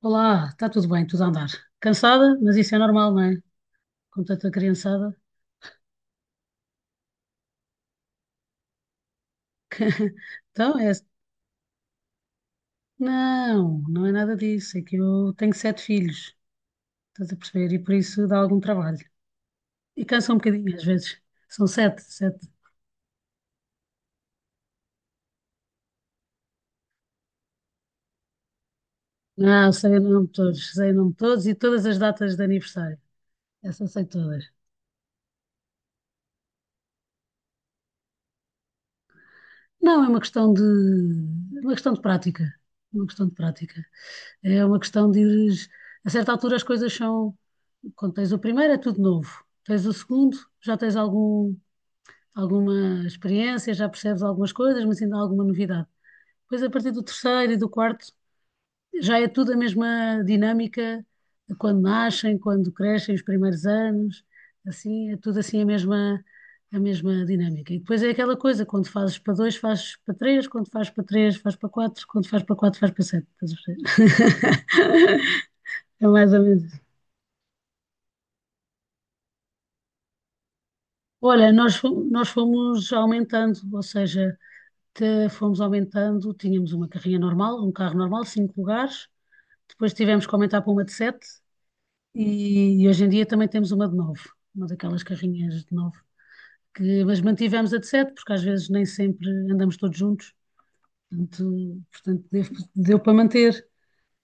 Olá, está tudo bem, tudo a andar. Cansada, mas isso é normal, não é? Com tanta criançada. Então, assim. Não, não é nada disso. É que eu tenho sete filhos, estás a perceber? E por isso dá algum trabalho. E cansa um bocadinho, às vezes. São sete, sete. Não, sei o nome de todos, sei o nome de todos e todas as datas de aniversário. Essa sei todas. Não, é uma questão de prática. Uma questão de prática. É uma questão de ires. A certa altura as coisas são. Quando tens o primeiro é tudo novo. Tens o segundo, já tens alguma experiência, já percebes algumas coisas, mas ainda há alguma novidade. Depois, a partir do terceiro e do quarto, já é tudo a mesma dinâmica de quando nascem, quando crescem, os primeiros anos, assim, é tudo assim a mesma dinâmica. E depois é aquela coisa, quando fazes para dois, fazes para três, quando fazes para três, fazes para quatro, quando fazes para quatro, fazes para sete. Estás a perceber? É mais ou menos. Olha, nós fomos aumentando, ou seja, fomos aumentando, tínhamos uma carrinha normal, um carro normal, cinco lugares, depois tivemos que aumentar para uma de sete e hoje em dia também temos uma de nove, uma daquelas carrinhas de nove, mas mantivemos a de sete porque às vezes nem sempre andamos todos juntos, portanto deu para manter.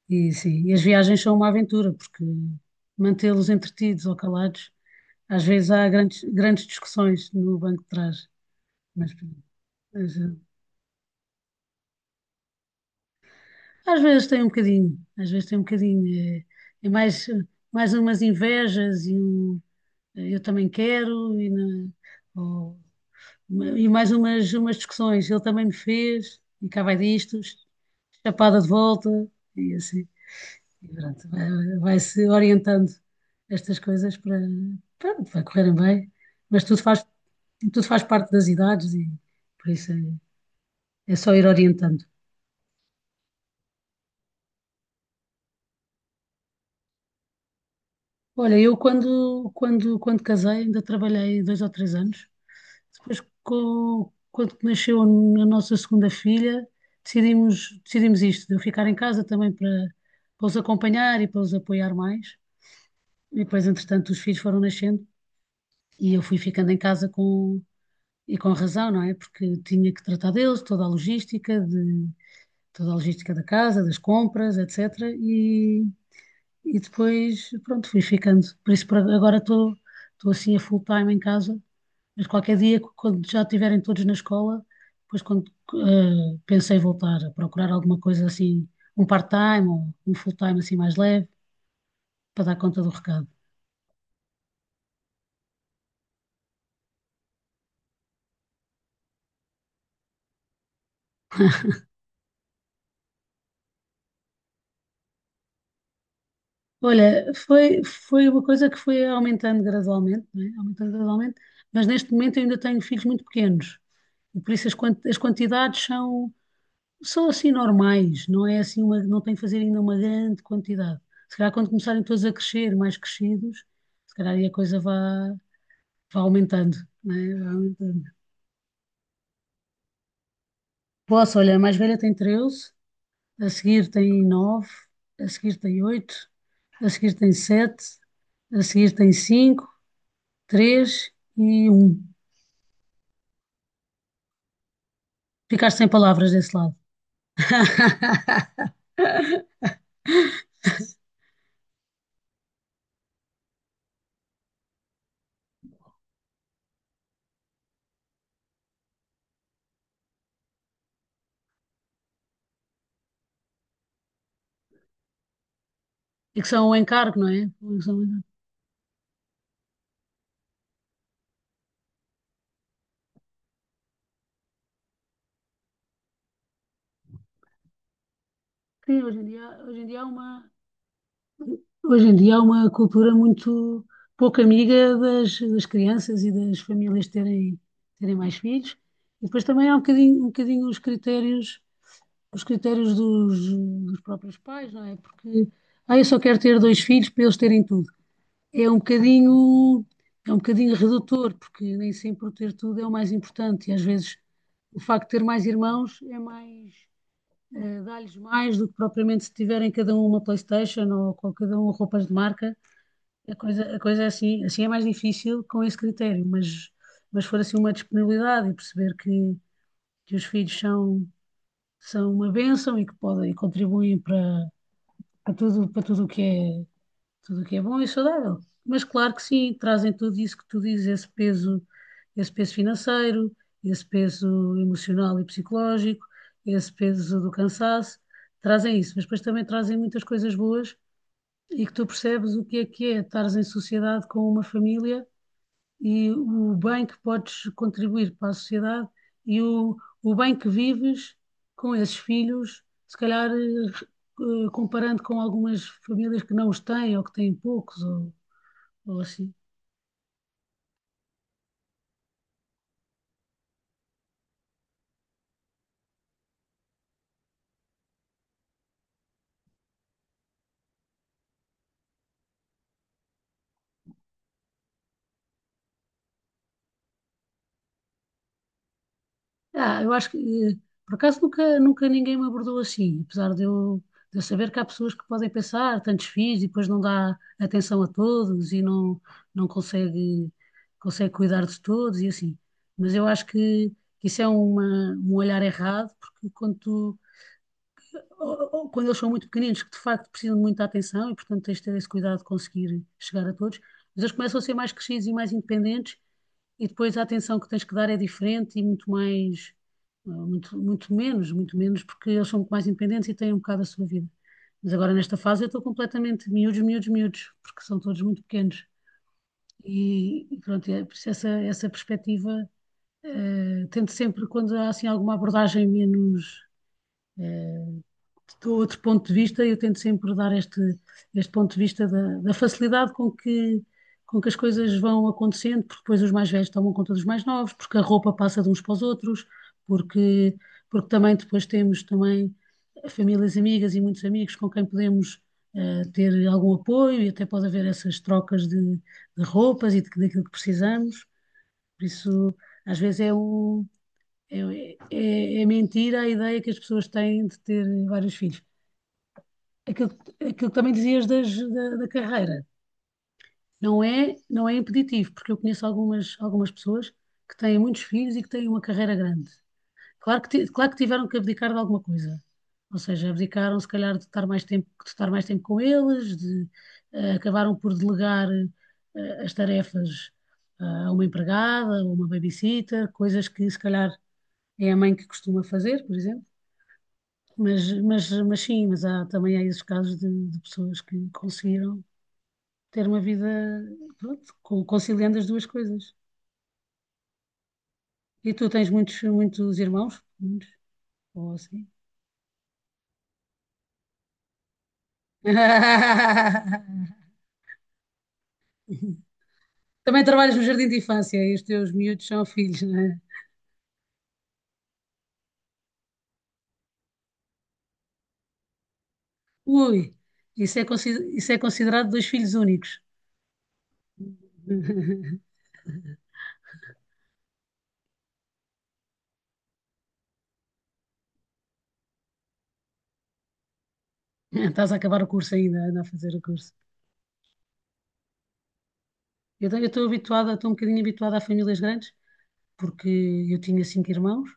E sim, e as viagens são uma aventura, porque mantê-los entretidos ou calados, às vezes há grandes, grandes discussões no banco de trás, mas pronto. Mas, às vezes tem um bocadinho, às vezes tem um bocadinho. eh, É, mais umas invejas e um eu também quero ou- e mais umas discussões. Ele também me fez e cá vai disto, chapada de volta e assim. E pronto, vai-se orientando estas coisas para, pronto, vai correrem bem, mas tudo faz parte das idades e por isso é só ir orientando. Olha, eu quando casei ainda trabalhei 2 ou 3 anos. Depois, quando nasceu a nossa segunda filha, decidimos isto, de eu ficar em casa também para os acompanhar e para os apoiar mais. E depois, entretanto, os filhos foram nascendo e eu fui ficando em casa e com razão, não é? Porque tinha que tratar deles, toda a logística, toda a logística da casa, das compras, etc. E depois, pronto, fui ficando. Por isso, por agora estou assim a full time em casa, mas qualquer dia, quando já estiverem todos na escola, depois quando pensei voltar a procurar alguma coisa assim, um part-time ou um full-time assim mais leve, para dar conta do recado. Olha, foi uma coisa que foi aumentando gradualmente, não é? Aumentando gradualmente, mas neste momento eu ainda tenho filhos muito pequenos, e por isso as quantidades são assim normais, não é assim uma, não tem que fazer ainda uma grande quantidade. Se calhar quando começarem todos a crescer, mais crescidos, se calhar aí a coisa vá aumentando, não é? Vá aumentando. Posso, olha, a mais velha tem 13, a seguir tem 9, a seguir tem 8, a seguir tem 7, a seguir tem 5, 3 e 1. Ficaste sem palavras desse lado. E que são um encargo, não é? Um encargo. Sim, hoje em dia há uma, hoje em dia há uma cultura muito pouco amiga das crianças e das famílias terem mais filhos. E depois também há um bocadinho os critérios dos próprios pais, não é? Porque, ah, eu só quero ter dois filhos para eles terem tudo. É um bocadinho, é um bocadinho redutor, porque nem sempre o ter tudo é o mais importante. E às vezes o facto de ter mais irmãos é mais, dá-lhes mais do que propriamente se tiverem cada um uma PlayStation ou com cada um roupas de marca a coisa é assim, assim é mais difícil com esse critério, mas for assim uma disponibilidade e perceber que os filhos são uma bênção e que podem e contribuem para tudo, para tudo o que é, tudo o que é bom e saudável. Mas claro que sim, trazem tudo isso que tu dizes, esse peso financeiro, esse peso emocional e psicológico, esse peso do cansaço, trazem isso, mas depois também trazem muitas coisas boas e que tu percebes o que é estares em sociedade com uma família e o bem que podes contribuir para a sociedade e o bem que vives com esses filhos, se calhar comparando com algumas famílias que não os têm ou que têm poucos ou assim. Ah, eu acho que, por acaso, nunca ninguém me abordou assim, apesar de eu saber que há pessoas que podem pensar, tantos filhos, e depois não dá atenção a todos e não consegue cuidar de todos e assim. Mas eu acho que isso é um olhar errado, porque quando tu ou quando eles são muito pequeninos, que de facto precisam de muita atenção e, portanto, tens de ter esse cuidado de conseguir chegar a todos, mas eles começam a ser mais crescidos e mais independentes e depois a atenção que tens que dar é diferente e muito mais, muito, muito menos, porque eles são muito mais independentes e têm um bocado a sua vida. Mas agora nesta fase eu estou completamente miúdos, miúdos, miúdos, porque são todos muito pequenos. E pronto, é, por isso essa perspectiva, tento sempre, quando há assim alguma abordagem menos eh, do outro ponto de vista, eu tento sempre dar este ponto de vista da facilidade com que as coisas vão acontecendo, porque depois os mais velhos tomam conta dos mais novos, porque a roupa passa de uns para os outros, porque, porque também depois temos também famílias amigas e muitos amigos com quem podemos ter algum apoio e até pode haver essas trocas de roupas e daquilo que precisamos. Por isso, às vezes é um, é mentira a ideia que as pessoas têm de ter vários filhos aquilo que também dizias da carreira. Não é impeditivo, porque eu conheço algumas pessoas que têm muitos filhos e que têm uma carreira grande. Claro que tiveram que abdicar de alguma coisa. Ou seja, abdicaram se calhar de estar mais tempo, de estar mais tempo com eles, acabaram por delegar as tarefas a uma empregada, a uma babysitter, coisas que se calhar é a mãe que costuma fazer, por exemplo. Mas sim, também há esses casos de pessoas que conseguiram ter uma vida, pronto, conciliando as duas coisas. E tu tens muitos, muitos irmãos? Muitos? Ou assim? Também trabalhas no jardim de infância e os teus miúdos são filhos, não é? Ui, isso é considerado dois filhos únicos. Estás a acabar o curso ainda, anda a fazer o curso. Eu estou habituada, estou um bocadinho habituada a famílias grandes, porque eu tinha cinco irmãos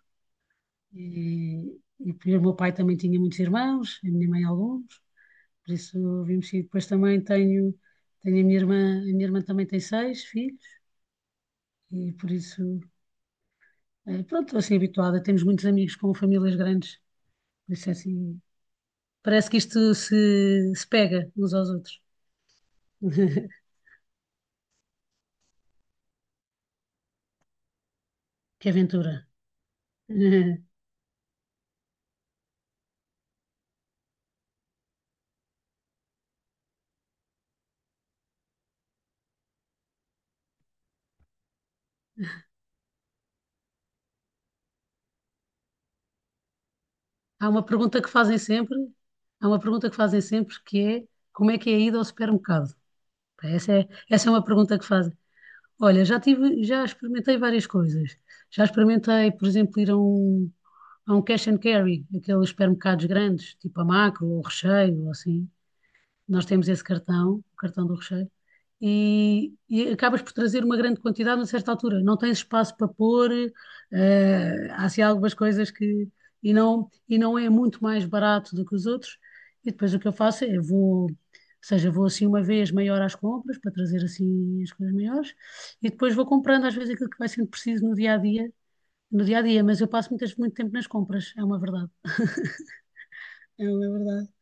e o meu pai também tinha muitos irmãos, a minha mãe alguns. Por isso vimos sim. Depois também tenho a minha irmã também tem seis filhos, e por isso, pronto, estou assim habituada. Temos muitos amigos com famílias grandes, por isso é assim, parece que isto se pega uns aos outros. Que aventura! Há uma pergunta que fazem sempre, há uma pergunta que fazem sempre que é como é que é a ida ao supermercado? Pá, Essa é uma pergunta que fazem. Olha, já experimentei várias coisas. Já experimentei, por exemplo, há um cash and carry, aqueles supermercados grandes, tipo a Macro ou o Recheio, ou assim. Nós temos esse cartão, o cartão do Recheio, e acabas por trazer uma grande quantidade a certa altura. Não tens espaço para pôr, há assim algumas coisas que. E não é muito mais barato do que os outros. E depois o que eu faço é vou. Ou seja, vou assim uma vez maior às compras, para trazer assim as coisas maiores, e depois vou comprando às vezes aquilo que vai sendo preciso no dia a dia, mas eu passo muito tempo nas compras, é uma verdade. É uma verdade.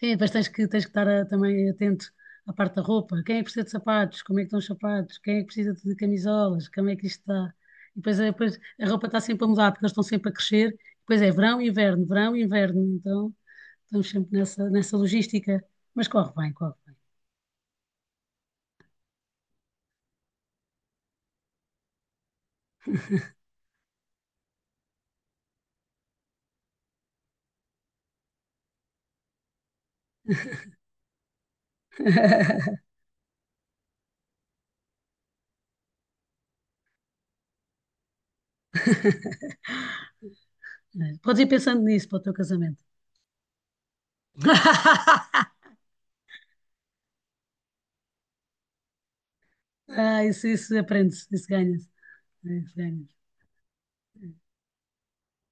Sim, depois tens que estar também atento à parte da roupa. Quem é que precisa de sapatos? Como é que estão os sapatos? Quem é que precisa de camisolas? Como é que isto está? E depois, depois a roupa está sempre a mudar, porque eles estão sempre a crescer. Depois é verão, inverno, verão, inverno. Então estamos sempre nessa logística. Mas corre bem, corre bem. É, podes ir pensando nisso para o teu casamento. Ah, isso aprende-se, isso ganha-se. É, isso ganha.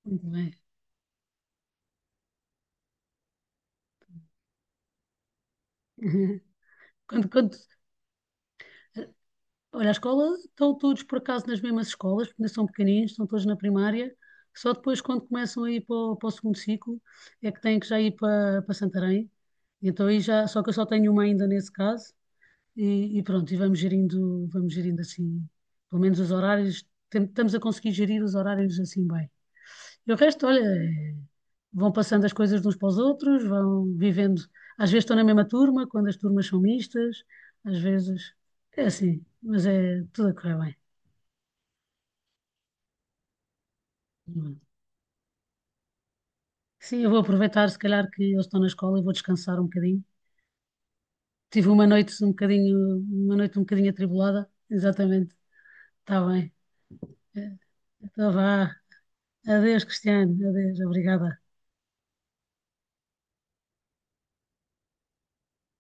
Muito bem. Quando, quando, olha, a escola, estão todos por acaso nas mesmas escolas, porque ainda são pequeninos, estão todos na primária. Só depois, quando começam a ir para o segundo ciclo, é que têm que já ir para Santarém. Então aí já, só que eu só tenho uma ainda nesse caso. E pronto, e vamos gerindo assim, pelo menos os horários, estamos a conseguir gerir os horários assim bem. E o resto, olha, vão passando as coisas de uns para os outros, vão vivendo. Às vezes estão na mesma turma, quando as turmas são mistas, às vezes é assim, mas é tudo a correr bem. Sim, eu vou aproveitar, se calhar, que eles estão na escola e vou descansar um bocadinho. Tive uma noite um bocadinho atribulada, exatamente. Está bem. É, então vá. Adeus, Cristiano. Adeus, obrigada.